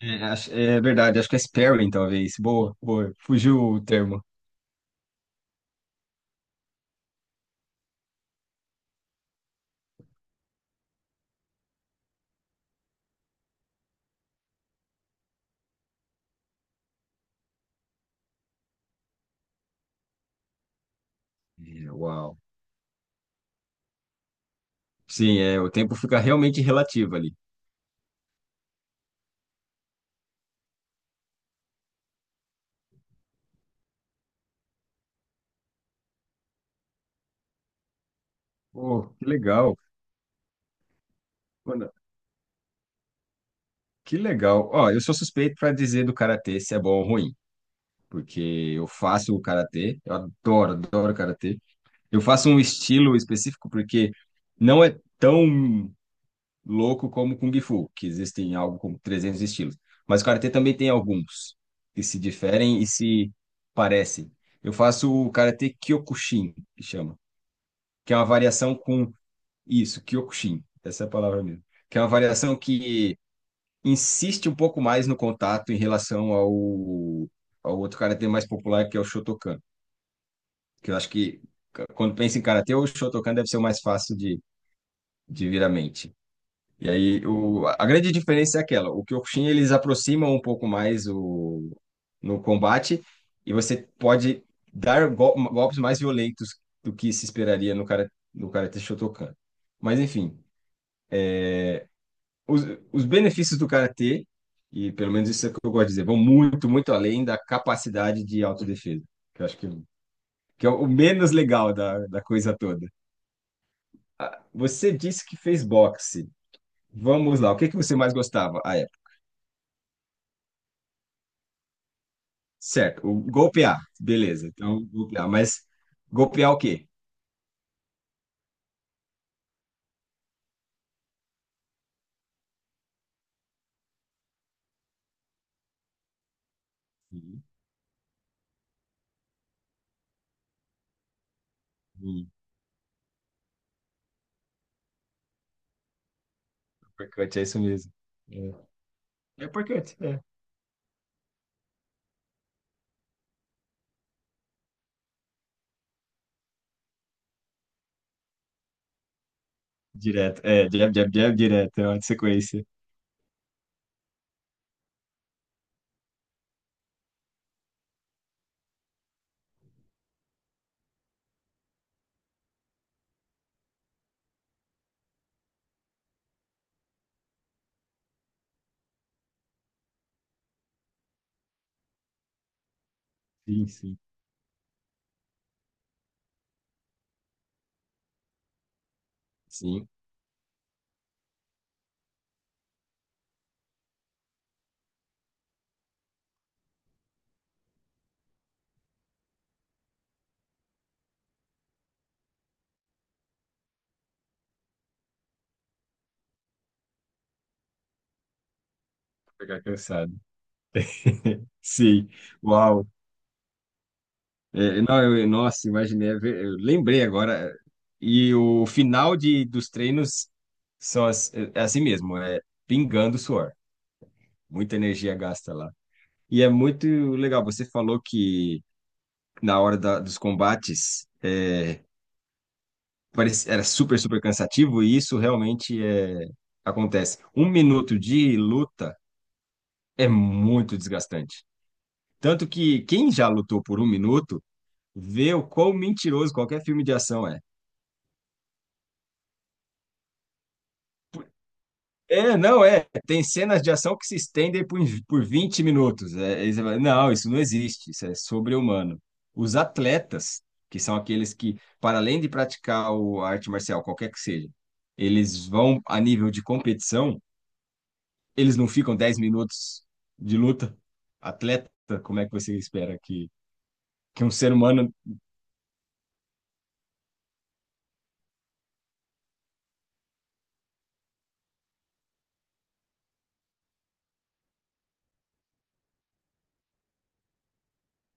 É, é verdade, acho que é sparing, talvez. Boa, boa. Fugiu o termo. É, uau. Sim, é, o tempo fica realmente relativo ali. Pô, que legal. Mano, que legal. Ó, eu sou suspeito para dizer do karatê se é bom ou ruim, porque eu faço o karatê, eu adoro, adoro karatê. Eu faço um estilo específico porque não é tão louco como Kung Fu, que existem algo como 300 estilos. Mas o karatê também tem alguns que se diferem e se parecem. Eu faço o karatê Kyokushin, que chama, que é uma variação com isso, Kyokushin, essa é a palavra mesmo, que é uma variação que insiste um pouco mais no contato em relação ao outro karatê mais popular, que é o Shotokan, que eu acho que quando pensa em karatê, o Shotokan deve ser o mais fácil de vir à mente. E aí, a grande diferença é aquela, o Kyokushin eles aproximam um pouco mais no combate e você pode dar golpes mais violentos do que se esperaria cara, no Karate Shotokan. Mas enfim, os, os benefícios do Karatê, e pelo menos isso é o que eu gosto de dizer, vão muito, muito além da capacidade de autodefesa, que eu acho que é o menos legal da coisa toda. Ah, você disse que fez boxe. Vamos lá, o que que você mais gostava? Ah, certo, o golpear, beleza. Então, golpear, mas golpear o quê? Uhum. Uhum. Uppercut, é isso mesmo. É, é uppercut, é. Direto, é, jab, jab, jab, direto, é uma sequência. Sim, sim, sim, pegar cansado. Sim, uau. É, não, nossa, imaginei, eu lembrei agora. E o final dos treinos é assim mesmo, é pingando suor, muita energia gasta lá. E é muito legal, você falou que na hora dos combates é, era super, super cansativo e isso realmente é, acontece. Um minuto de luta é muito desgastante. Tanto que quem já lutou por 1 minuto vê o quão mentiroso qualquer filme de ação é. É, não, é. Tem cenas de ação que se estendem por 20 minutos. É, aí você fala, não, isso não existe, isso é sobre-humano. Os atletas, que são aqueles que, para além de praticar a arte marcial, qualquer que seja, eles vão a nível de competição, eles não ficam 10 minutos de luta. Atleta, como é que você espera que um ser humano.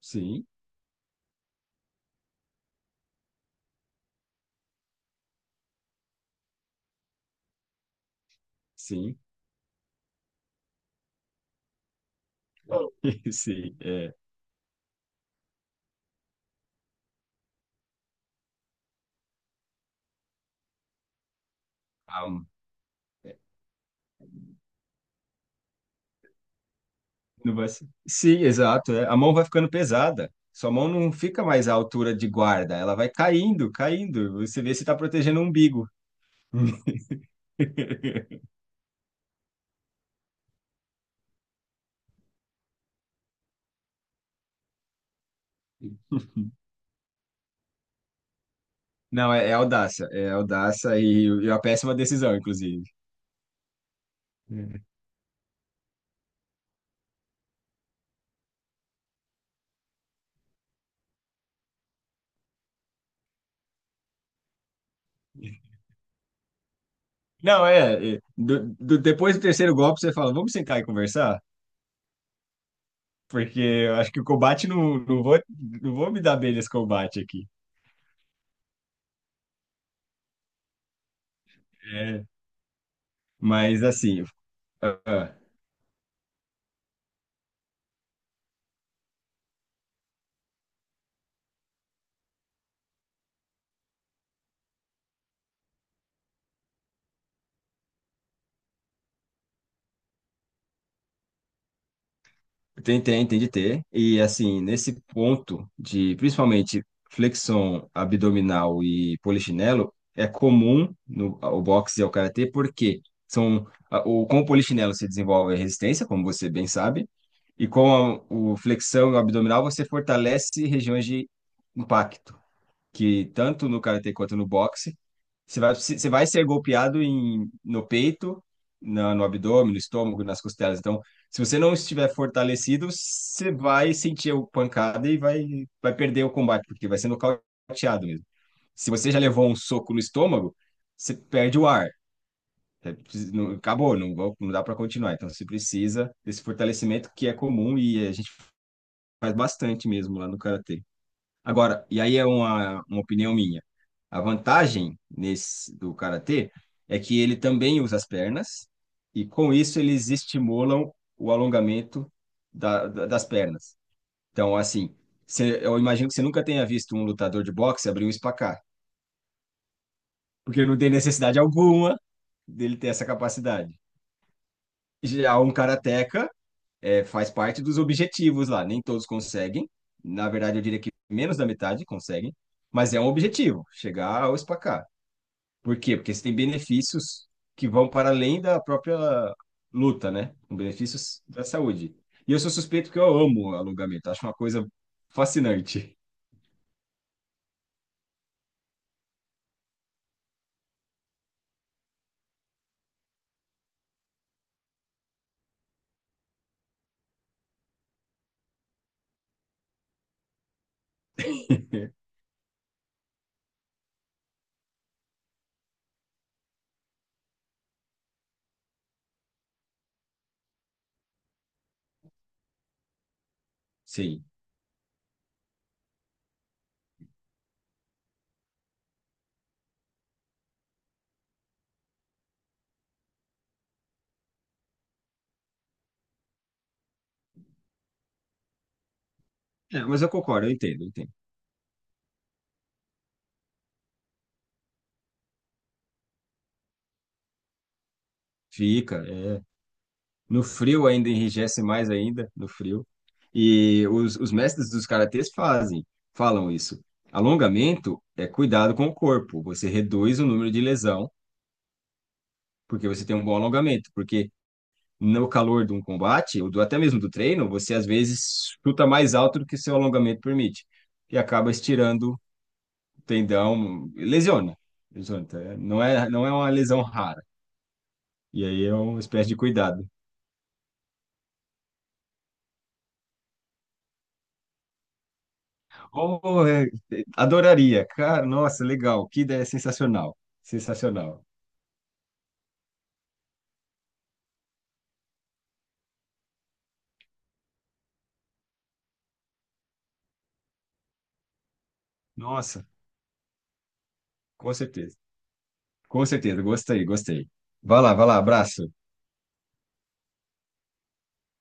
Sim, sim, sim, é. Não vai ser. Sim, exato. É. A mão vai ficando pesada. Sua mão não fica mais à altura de guarda, ela vai caindo, caindo. Você vê se está protegendo o umbigo. Não, é audácia, é audácia e uma péssima decisão, inclusive. É. Não, é. É, depois do terceiro golpe, você fala: vamos sentar e conversar? Porque eu acho que o combate não, não vou me dar bem nesse combate aqui. É. Mas assim, ah, ah. Tem de ter. E assim, nesse ponto de principalmente flexão abdominal e polichinelo, é comum no ao boxe e ao karatê, porque com o polichinelo você desenvolve a resistência, como você bem sabe, e com o flexão e o abdominal você fortalece regiões de impacto que tanto no karatê quanto no boxe, você vai ser golpeado no peito, no abdômen, no estômago, nas costelas. Então, se você não estiver fortalecido, você vai sentir a pancada e vai perder o combate, porque vai ser nocauteado mesmo. Se você já levou um soco no estômago, você perde o ar. Você precisa- não- Acabou, não, não dá para continuar. Então, você precisa desse fortalecimento que é comum e a gente faz bastante mesmo lá no karatê. Agora, e aí é uma opinião minha. A vantagem nesse do karatê é que ele também usa as pernas e com isso eles estimulam o alongamento das pernas. Então, assim, eu imagino que você nunca tenha visto um lutador de boxe abrir um espacar, porque não tem necessidade alguma dele ter essa capacidade. Já um karateca faz parte dos objetivos lá. Nem todos conseguem. Na verdade, eu diria que menos da metade conseguem, mas é um objetivo, chegar ao SPACAR. Por quê? Porque você tem benefícios que vão para além da própria luta, né? Benefícios da saúde. E eu sou suspeito porque eu amo alongamento, acho uma coisa fascinante. Sim. É, mas eu concordo, eu entendo, eu entendo. Fica, é. No frio ainda enrijece mais ainda, no frio. E os mestres dos karatês fazem, falam isso. Alongamento é cuidado com o corpo. Você reduz o número de lesão porque você tem um bom alongamento. Porque no calor de um combate, ou até mesmo do treino, você às vezes chuta mais alto do que seu alongamento permite. E acaba estirando o tendão, lesiona. Lesiona. Tá? Não é uma lesão rara. E aí é uma espécie de cuidado. Oh, é, adoraria. Cara, nossa, legal. Que ideia sensacional. Sensacional. Nossa, com certeza. Com certeza. Gostei, gostei. Vai lá, vai lá. Abraço.